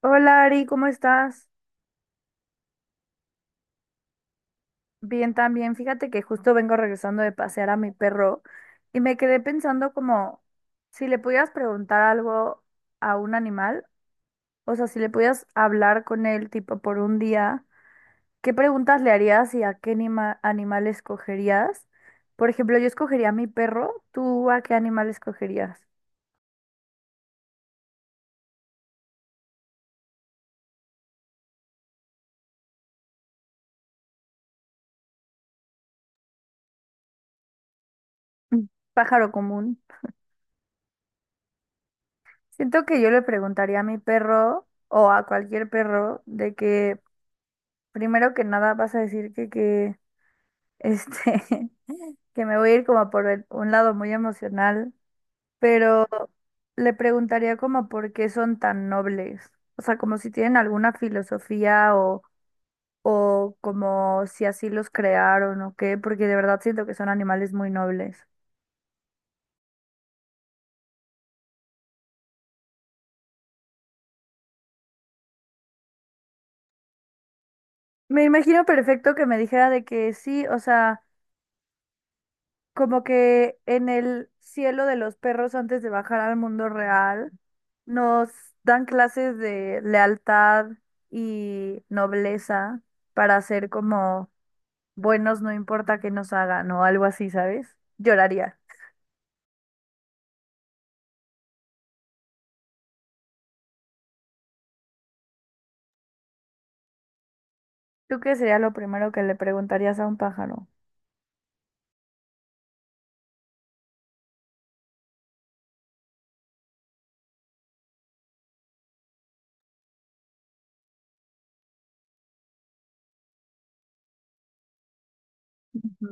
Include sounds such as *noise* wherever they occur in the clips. Hola Ari, ¿cómo estás? Bien también. Fíjate que justo vengo regresando de pasear a mi perro y me quedé pensando como si le pudieras preguntar algo a un animal, o sea, si le pudieras hablar con él tipo por un día, ¿qué preguntas le harías y a qué animal escogerías? Por ejemplo, yo escogería a mi perro, ¿tú a qué animal escogerías? Mm, pájaro común. Siento que yo le preguntaría a mi perro o a cualquier perro de que primero que nada vas a decir que, este, *laughs* que me voy a ir como por un lado muy emocional, pero le preguntaría como por qué son tan nobles. O sea, como si tienen alguna filosofía, o como si así los crearon o qué, porque de verdad siento que son animales muy nobles. Me imagino perfecto que me dijera de que sí, o sea, como que en el cielo de los perros antes de bajar al mundo real, nos dan clases de lealtad y nobleza para ser como buenos, no importa qué nos hagan o algo así, ¿sabes? Lloraría. ¿Tú qué sería lo primero que le preguntarías a un pájaro? Ujú.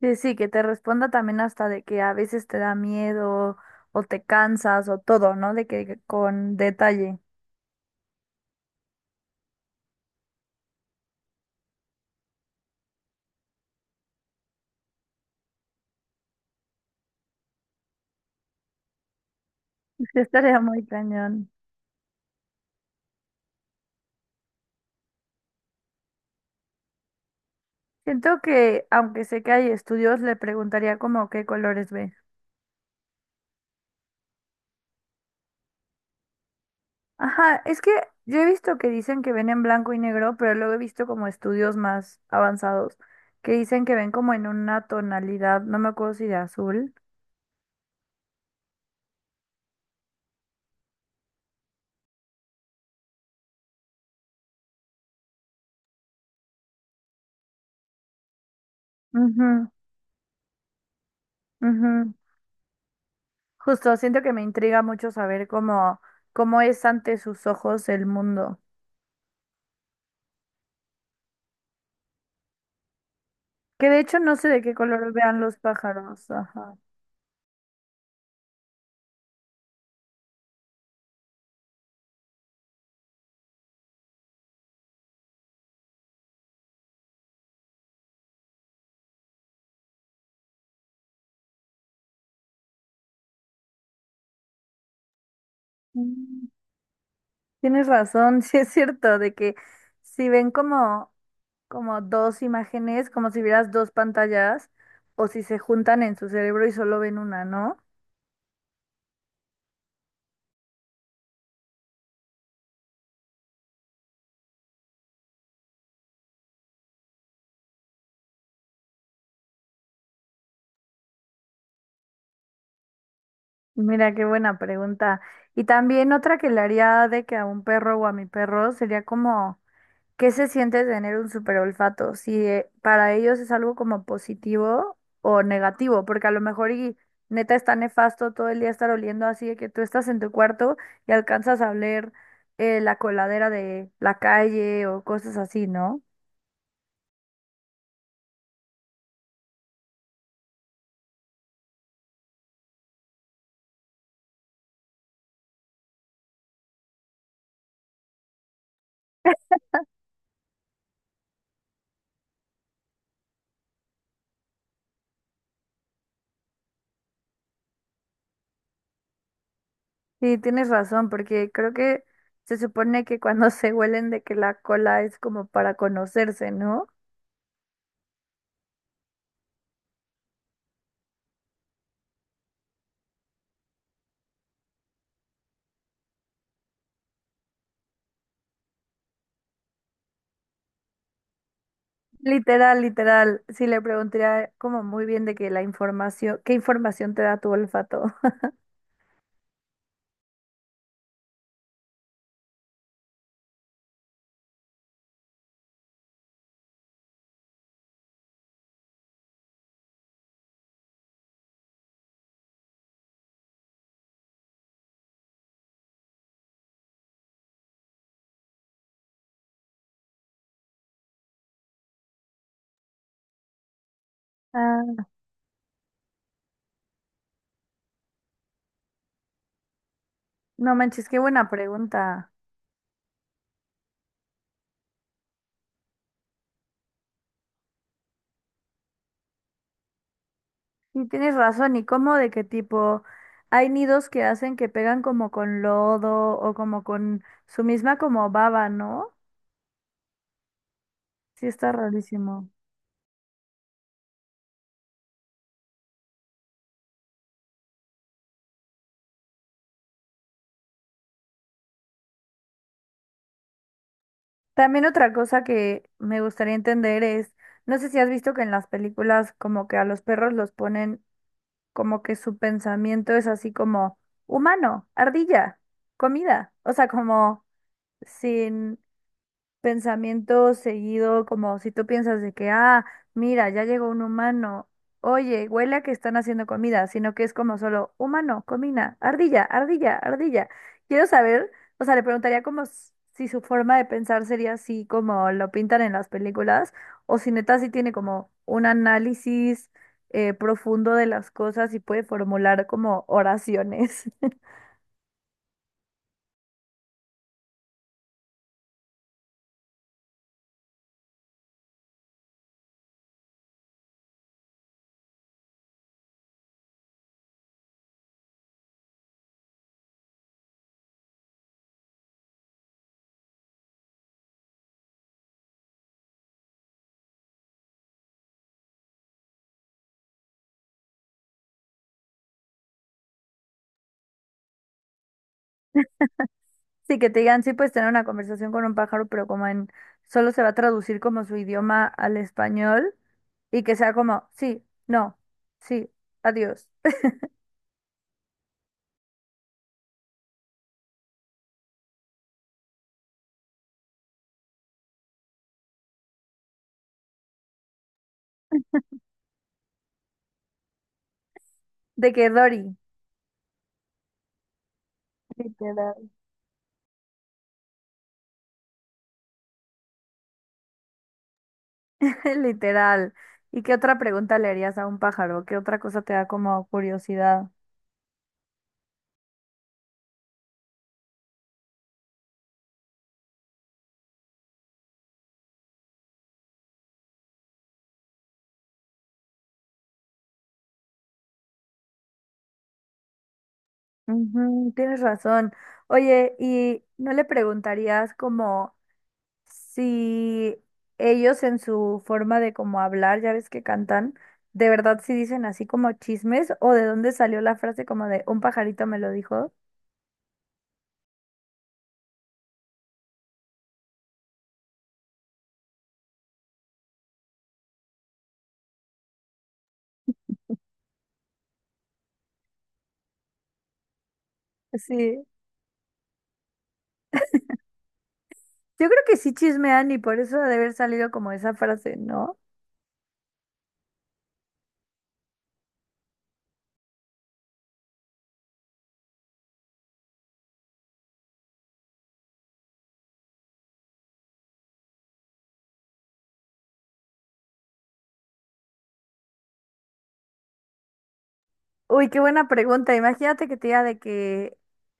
Sí, sí, que te responda también hasta de que a veces te da miedo o te cansas o todo, ¿no? De que con detalle. *laughs* Sí, estaría muy cañón. Siento que, aunque sé que hay estudios, le preguntaría como qué colores ve. Ajá, es que yo he visto que dicen que ven en blanco y negro, pero luego he visto como estudios más avanzados que dicen que ven como en una tonalidad, no me acuerdo si de azul. Ujú, ujú. Justo, siento que me intriga mucho saber cómo, cómo es ante sus ojos el mundo. Que de hecho no sé de qué color vean los pájaros. Ajá. Mm, tienes razón, *laughs* sí es cierto, de que si ven como dos imágenes, como si vieras dos pantallas, o si se juntan en su cerebro y solo ven una, ¿no? Mira, qué buena pregunta. Y también otra que le haría de que a un perro o a mi perro sería como, ¿qué se siente tener un super olfato? Si para ellos es algo como positivo o negativo, porque a lo mejor y neta está nefasto todo el día estar oliendo así de que tú estás en tu cuarto y alcanzas a oler la coladera de la calle o cosas así, ¿no? Sí, tienes razón, porque creo que se supone que cuando *laughs* se huelen de que la cola es como para conocerse, ¿no? Literal, literal, sí le preguntaría como muy bien de que la información, ¿qué información te da tu olfato? *laughs* Ah, no manches, qué buena pregunta. Y tienes razón, ¿y cómo de qué tipo? Hay nidos que hacen que pegan como con lodo o como con su misma como baba, ¿no? Sí, está rarísimo. También otra cosa que me gustaría entender es, no sé si has visto que en las películas como que a los perros los ponen como que su pensamiento es así como humano, ardilla, comida, o sea, como sin pensamiento seguido, como si tú piensas de que, ah, mira, ya llegó un humano, oye, huele a que están haciendo comida, sino que es como solo humano, comida, ardilla, ardilla, ardilla. Quiero saber, o sea, le preguntaría como si su forma de pensar sería así como lo pintan en las películas, o si neta sí tiene como un análisis profundo de las cosas y puede formular como oraciones. *laughs* Sí, que te digan, sí puedes tener una conversación con un pájaro, pero como en, solo se va a traducir como su idioma al español y que sea como, sí, no, sí, adiós. De que Dory, literal. *laughs* Literal. ¿Y qué otra pregunta le harías a un pájaro? ¿Qué otra cosa te da como curiosidad? Ujú, tienes razón. Oye, ¿y no le preguntarías como si ellos en su forma de como hablar, ya ves que cantan, de verdad si dicen así como chismes o de dónde salió la frase como de un pajarito me lo dijo. Sí. Yo creo que sí chismean y por eso ha de haber salido como esa frase, ¿no? Uy, qué buena pregunta. Imagínate que te diga de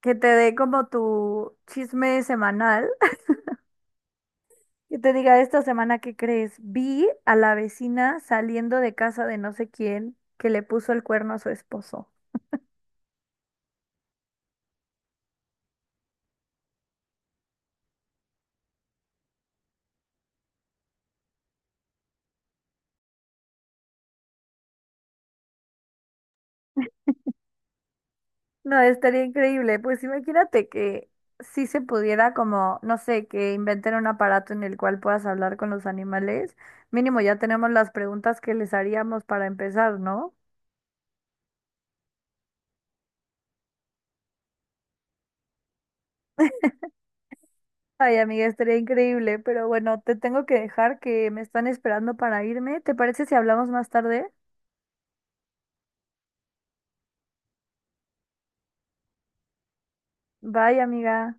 que te dé como tu chisme semanal, *laughs* que te diga esta semana que crees, vi a la vecina saliendo de casa de no sé quién que le puso el cuerno a su esposo. No, estaría increíble. Pues imagínate que si se pudiera como, no sé, que inventen un aparato en el cual puedas hablar con los animales. Mínimo ya tenemos las preguntas que les haríamos para empezar, ¿no? Ay, amiga, estaría increíble, pero bueno, te tengo que dejar que me están esperando para irme. ¿Te parece si hablamos más tarde? Bye, amiga.